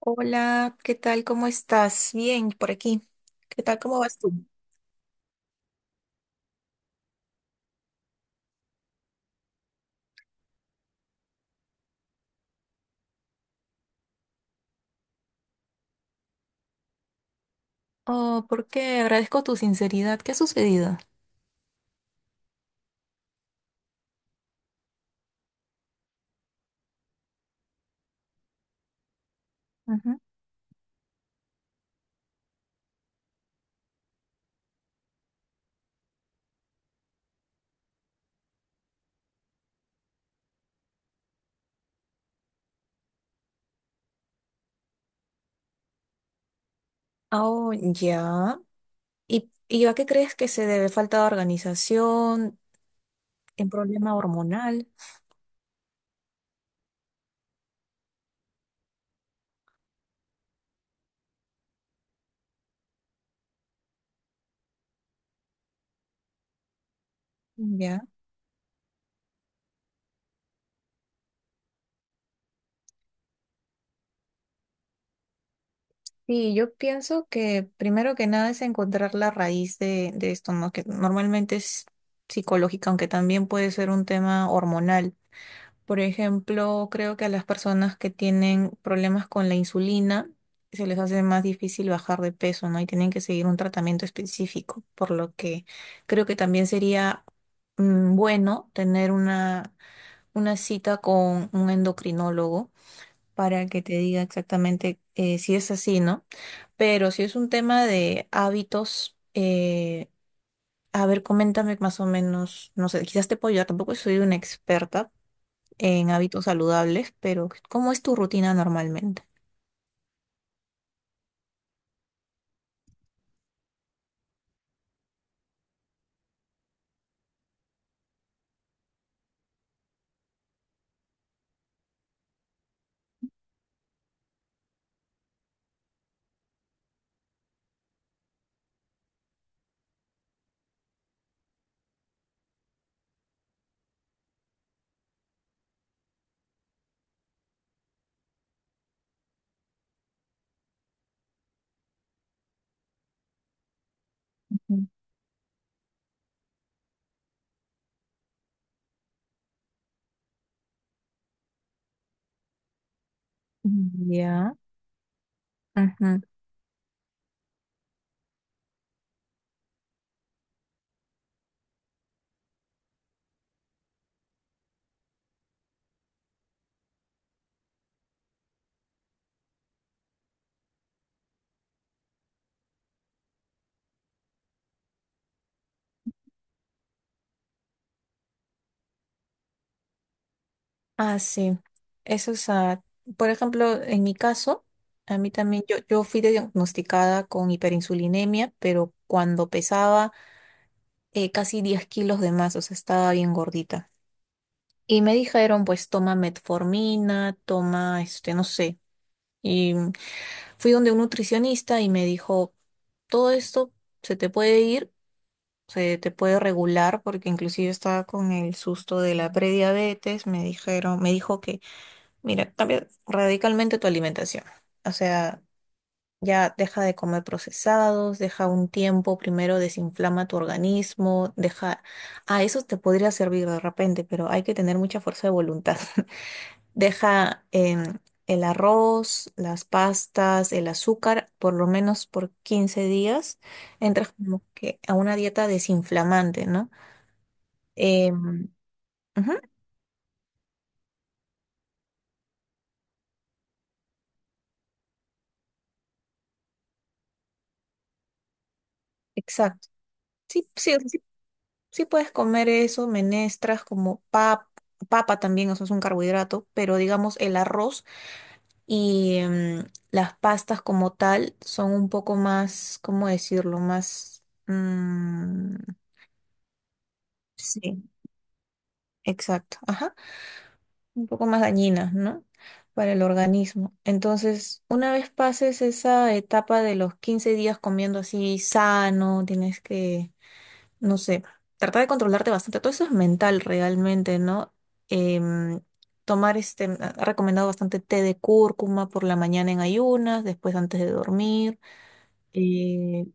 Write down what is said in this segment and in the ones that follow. Hola, ¿qué tal? ¿Cómo estás? Bien, por aquí. ¿Qué tal? ¿Cómo vas tú? Oh, ¿por qué? Agradezco tu sinceridad. ¿Qué ha sucedido? Ujú. Oh, ya. ¿Y a qué crees que se debe? ¿Falta de organización? ¿Un problema hormonal? Ya. Sí, yo pienso que primero que nada es encontrar la raíz de esto, ¿no? Que normalmente es psicológica, aunque también puede ser un tema hormonal. Por ejemplo, creo que a las personas que tienen problemas con la insulina se les hace más difícil bajar de peso, ¿no? Y tienen que seguir un tratamiento específico, por lo que creo que también sería bueno tener una cita con un endocrinólogo para que te diga exactamente si es así, ¿no? Pero si es un tema de hábitos, a ver, coméntame más o menos, no sé, quizás te puedo ayudar, tampoco soy una experta en hábitos saludables, pero ¿cómo es tu rutina normalmente? Ujú. Ya. Ujú. Ah, sí. Eso es, ah, por ejemplo, en mi caso, a mí también, yo fui diagnosticada con hiperinsulinemia, pero cuando pesaba casi 10 kilos de más, o sea, estaba bien gordita. Y me dijeron, pues, toma metformina, toma, este, no sé. Y fui donde un nutricionista y me dijo, todo esto se te puede ir se te puede regular porque inclusive estaba con el susto de la prediabetes, me dijeron, me dijo que, mira, cambia radicalmente tu alimentación. O sea, ya deja de comer procesados, deja un tiempo, primero desinflama tu organismo, deja, ah, eso te podría servir de repente, pero hay que tener mucha fuerza de voluntad. Deja el arroz, las pastas, el azúcar, por lo menos por 15 días entras como que a una dieta desinflamante, ¿no? Em, ujú, exacto. Sí, sí, sí, sí puedes comer eso, menestras como pap- papa también, eso es un carbohidrato, pero digamos el arroz y las pastas como tal son un poco más, ¿cómo decirlo? Más... sí, exacto. Ajá. Un poco más dañinas, ¿no? Para el organismo. Entonces, una vez pases esa etapa de los 15 días comiendo así sano, tienes que no sé, tratar de controlarte bastante. Todo eso es mental realmente, ¿no? Em, Tomar este, ha recomendado bastante té de cúrcuma por la mañana en ayunas, después antes de dormir. Eh,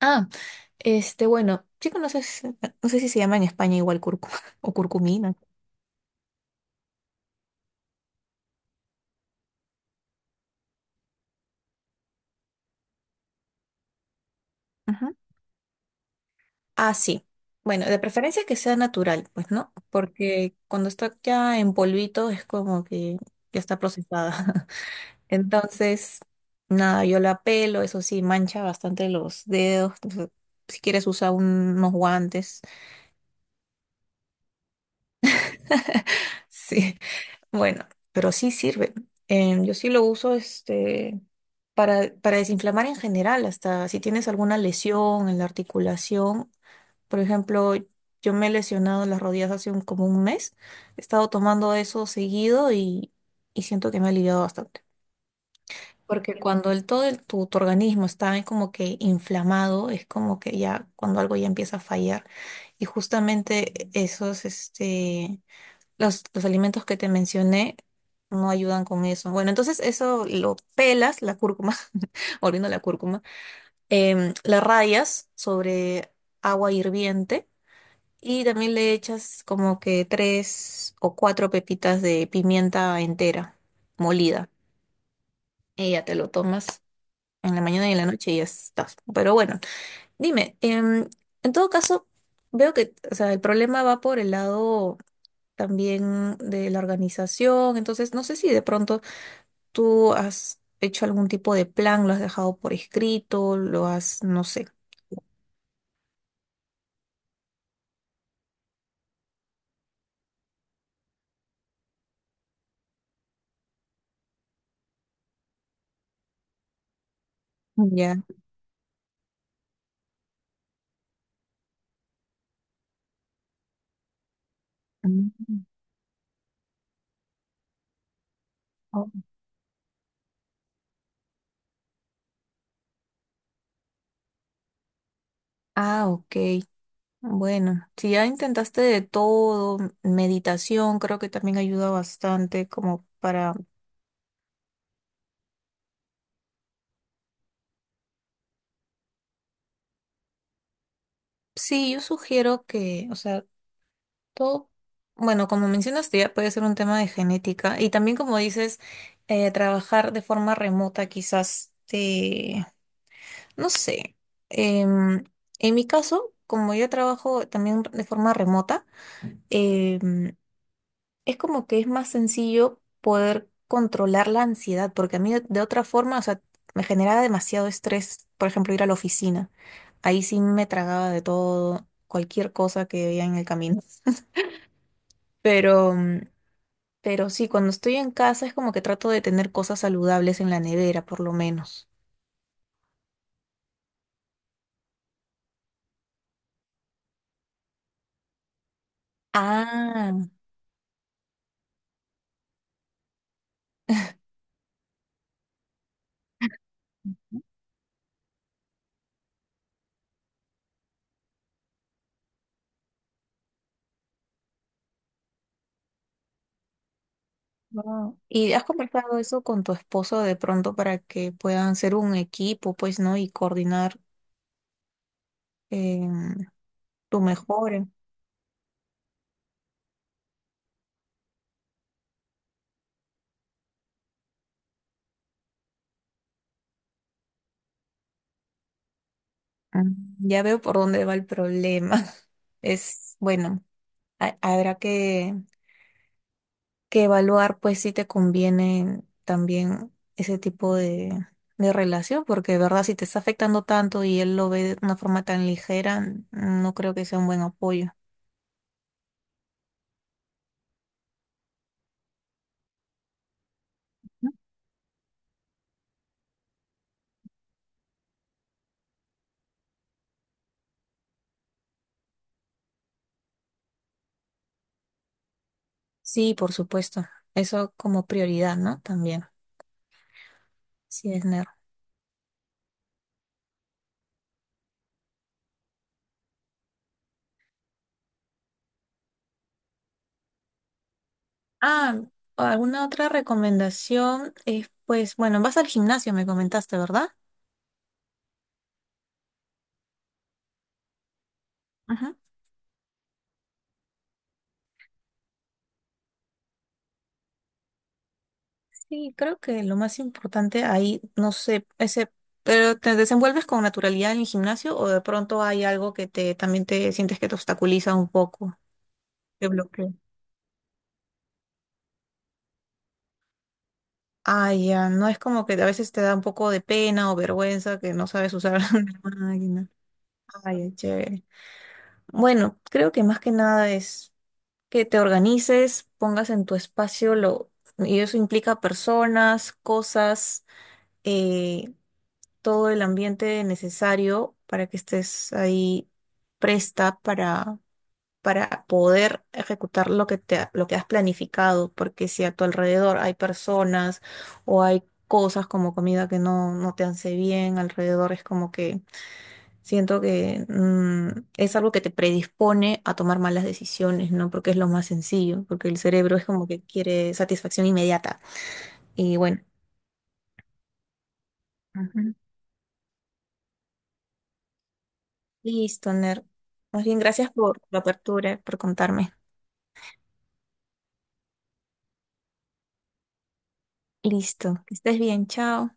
ah, este, bueno, chico, no sé, si- no sé si se llama en España igual cúrcuma o curcumina. Ujú. Ah, sí. Bueno, de preferencia que sea natural, pues, ¿no? Porque cuando está ya en polvito es como que ya está procesada. Entonces, nada, yo la pelo, eso sí, mancha bastante los dedos. Entonces, si quieres, usa un- unos guantes. Sí, bueno, pero sí sirve. Yo sí lo uso este, para desinflamar en general, hasta si tienes alguna lesión en la articulación. Por ejemplo, yo me he lesionado las rodillas hace un- como un mes. He estado tomando eso seguido y siento que me ha aliviado bastante. Porque cuando el, todo el- tu organismo está como que inflamado, es como que ya cuando algo ya empieza a fallar. Y justamente esos, este, los alimentos que te mencioné no ayudan con eso. Bueno, entonces eso lo pelas, la cúrcuma, volviendo a la cúrcuma, la rayas sobre agua hirviente y también le echas como que tres o cuatro pepitas de pimienta entera, molida. Y ya te lo tomas en la mañana y en la noche y ya estás. Pero bueno, dime, en todo caso, veo que, o sea, el problema va por el lado también de la organización, entonces no sé si de pronto tú has hecho algún tipo de plan, lo has dejado por escrito, lo has, no sé, ya. Mm. Oh. Ah, ok. Bueno, si ya intentaste de todo, meditación creo que también ayuda bastante como para... Sí, yo sugiero que, o sea, todo, bueno, como mencionaste, ya puede ser un tema de genética y también como dices, trabajar de forma remota quizás te, no sé, em, en mi caso, como yo trabajo también de forma remota, em, es como que es más sencillo poder controlar la ansiedad, porque a mí de otra forma, o sea, me generaba demasiado estrés, por ejemplo, ir a la oficina. Ahí sí me tragaba de todo, cualquier cosa que veía en el camino. Pero... pero sí, cuando estoy en casa es como que trato de tener cosas saludables en la nevera, por lo menos. Ah, wow. ¿Y has conversado eso con tu esposo de pronto para que puedan ser un equipo, pues, ¿no? Y coordinar em, tu mejora. Mm, ya veo por dónde va el problema. Es, bueno, ha- habrá que evaluar pues si te conviene también ese tipo de relación, porque de verdad si te está afectando tanto y él lo ve de una forma tan ligera, no creo que sea un buen apoyo. ¿No? Sí, por supuesto. Eso como prioridad, ¿no? También, sí, es nerd. Ah, ¿alguna otra recomendación? Es pues, bueno, vas al gimnasio, me comentaste, ¿verdad? Ujú. Sí, creo que lo más importante ahí, no sé, ese, pero ¿te desenvuelves con naturalidad en el gimnasio o de pronto hay algo que te también te sientes que te obstaculiza un poco, te bloquea? Ah, ya, no es como que a veces te da un poco de pena o vergüenza que no sabes usar la máquina. Ay, ay, chévere. Bueno, creo que más que nada es que te organices, pongas en tu espacio lo, y eso implica personas, cosas. eh, Todo el ambiente necesario para que estés ahí presta para poder ejecutar lo que te, lo que has planificado, porque si a tu alrededor hay personas o hay cosas como comida que no, no te hace bien, alrededor es como que siento que es algo que te predispone a tomar malas decisiones, ¿no? Porque es lo más sencillo, porque el cerebro es como que quiere satisfacción inmediata. Y bueno. Listo, Ner. Más bien, gracias por la apertura, por contarme. Listo, que estés bien, chao.